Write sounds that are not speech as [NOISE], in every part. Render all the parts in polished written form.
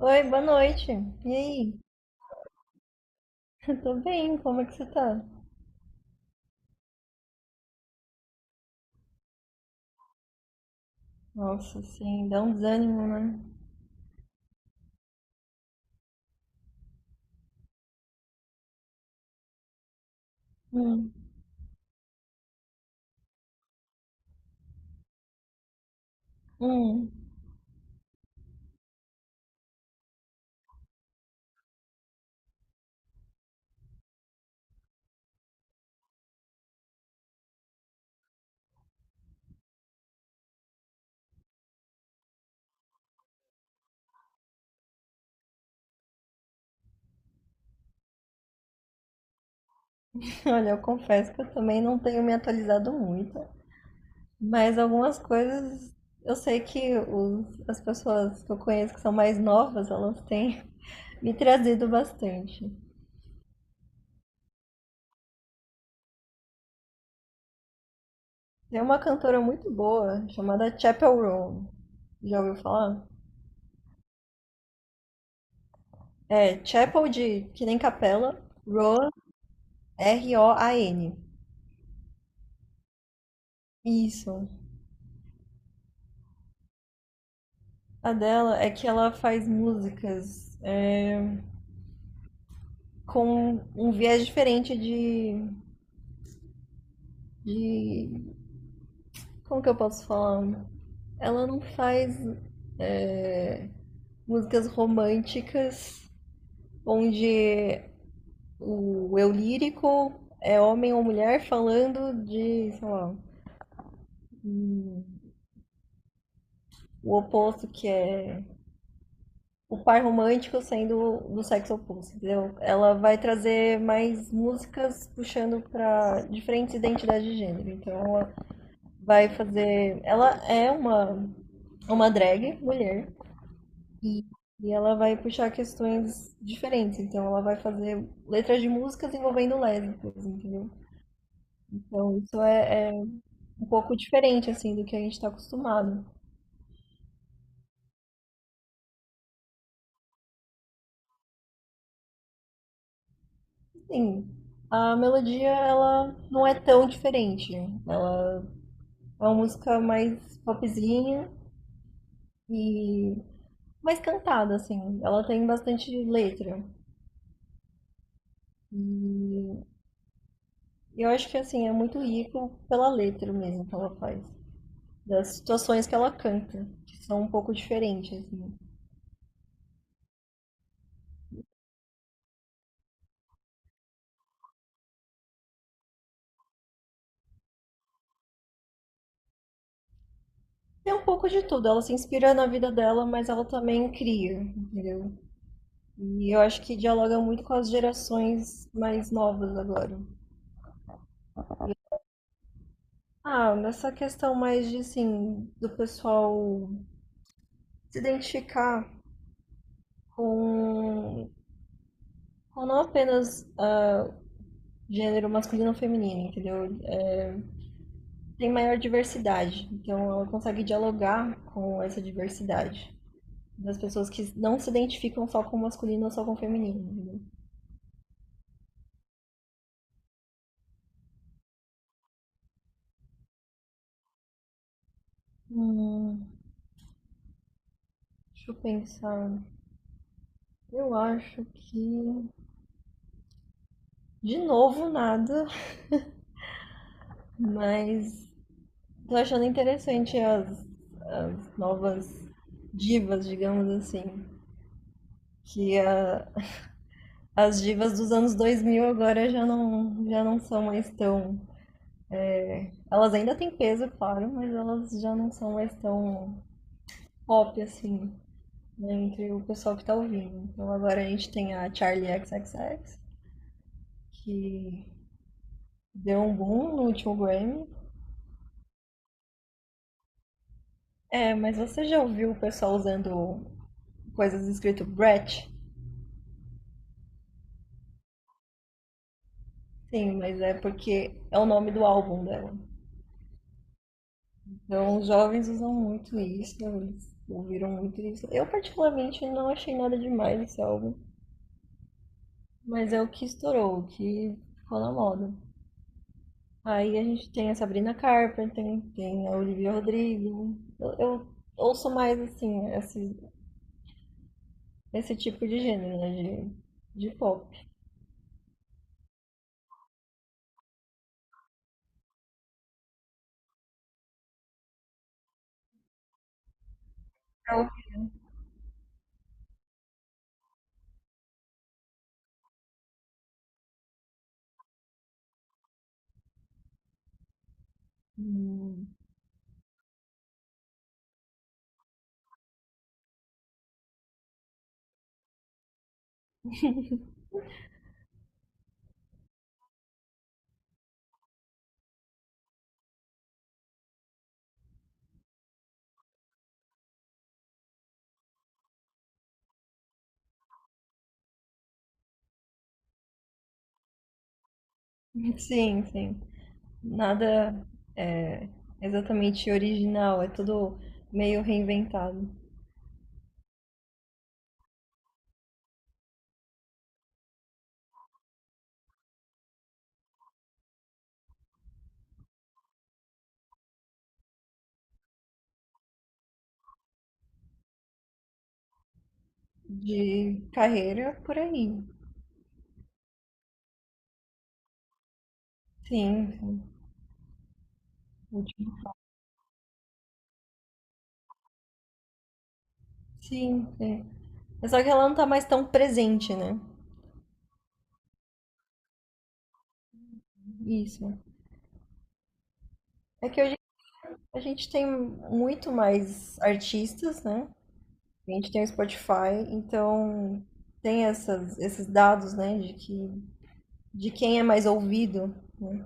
Oi, boa noite. E aí? [LAUGHS] Tô bem, como é que você tá? Nossa, sim, dá um desânimo, né? Hum, hum. [LAUGHS] Olha, eu confesso que eu também não tenho me atualizado muito, mas algumas coisas eu sei que as pessoas que eu conheço que são mais novas, elas têm [LAUGHS] me trazido bastante. Tem uma cantora muito boa chamada Chapel Roan. Já ouviu falar? É, Chapel de que nem capela, Roan, Roan. Isso. A dela é que ela faz músicas com um viés diferente de. Como que eu posso falar? Ela não faz é, músicas românticas onde o eu lírico é homem ou mulher falando de, sei lá, hum, o oposto que é o par romântico sendo do sexo oposto, entendeu? Ela vai trazer mais músicas puxando para diferentes identidades de gênero. Então ela é uma drag mulher e, e ela vai puxar questões diferentes. Então ela vai fazer letras de músicas envolvendo lésbicas, entendeu? Então isso é um pouco diferente assim do que a gente está acostumado. Sim, a melodia ela não é tão diferente, né? Ela é uma música mais popzinha e mais cantada, assim. Ela tem bastante letra. E eu acho que, assim, é muito rico pela letra mesmo que ela faz. Das situações que ela canta, que são um pouco diferentes, assim. Tem um pouco de tudo. Ela se inspira na vida dela, mas ela também cria, entendeu? E eu acho que dialoga muito com as gerações mais novas agora. Ah, nessa questão mais de, assim, do pessoal se identificar com, com não apenas gênero masculino ou feminino, entendeu? Tem maior diversidade, então ela consegue dialogar com essa diversidade das pessoas que não se identificam só com masculino ou só com feminino, entendeu? Hum, Deixa eu pensar. Eu acho que de novo nada, mas tô achando interessante as novas divas, digamos assim, que a as divas dos anos 2000 agora já não são mais tão. Elas ainda têm peso, claro, mas elas já não são mais tão pop assim, né, entre o pessoal que tá ouvindo. Então agora a gente tem a Charlie XXX, que deu um boom no último Grammy. É, mas você já ouviu o pessoal usando coisas escrito Brett? Sim, mas é porque é o nome do álbum dela. Então, os jovens usam muito isso, eles ouviram muito isso. Eu, particularmente, não achei nada demais esse álbum, mas é o que estourou, o que ficou na moda. Aí a gente tem a Sabrina Carpenter, tem a Olivia Rodrigo. Eu ouço mais, assim, esse tipo de gênero, né, de pop. Pra ouvir. Hum, Sim, sim. Nada é exatamente original, é tudo meio reinventado. De carreira por aí. Sim, sim. Último. Sim, sim. É só que ela não tá mais tão presente, né? Isso. É que hoje a gente tem muito mais artistas, né? A gente tem o Spotify, então tem esses dados, né? De quem é mais ouvido, né?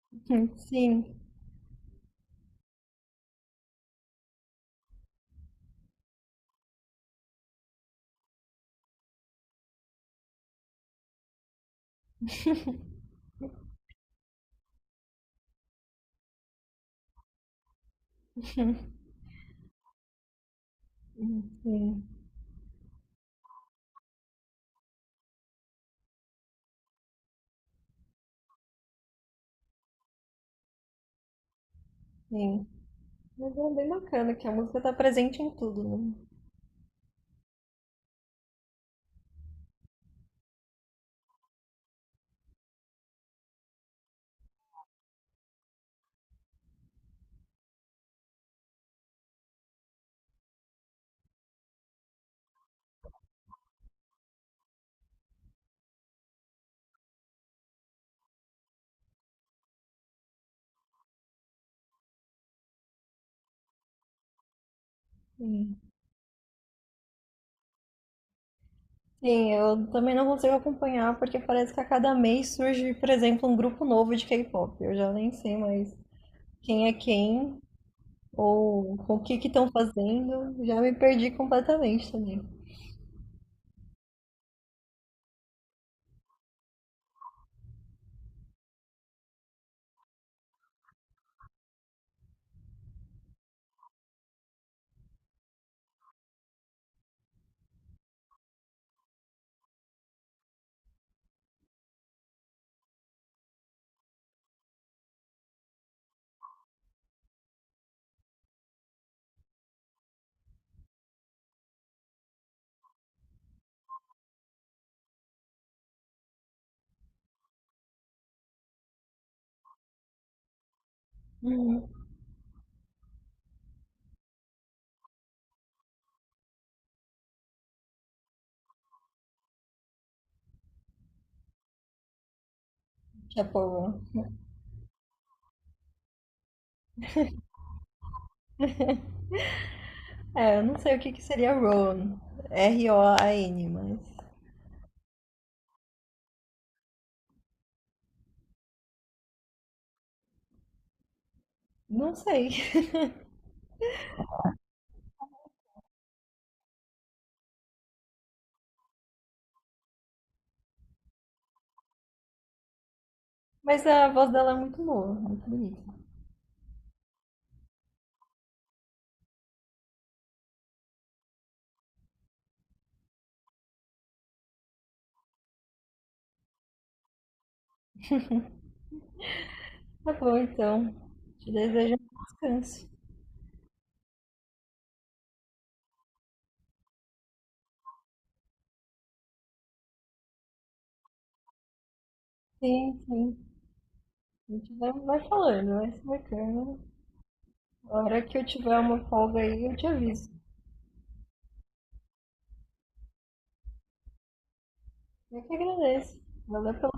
[LAUGHS] Sim, sim, sim. Mas é bem bacana que a música tá presente em tudo, né? Sim, eu também não consigo acompanhar porque parece que a cada mês surge, por exemplo, um grupo novo de K-pop. Eu já nem sei mais quem é quem ou o que que estão fazendo. Já me perdi completamente também. Uhum. Japão. É, eu não sei o que que seria Roan. Roan, mas não sei. [LAUGHS] Mas a voz dela é muito boa, muito bonita. Tá bom, então. Te desejo um bom descanso. Sim, sim. A gente vai falando, vai se marcando. A hora que eu tiver uma folga aí, eu te aviso. Eu que agradeço. Valeu pelo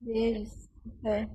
beijos. Até.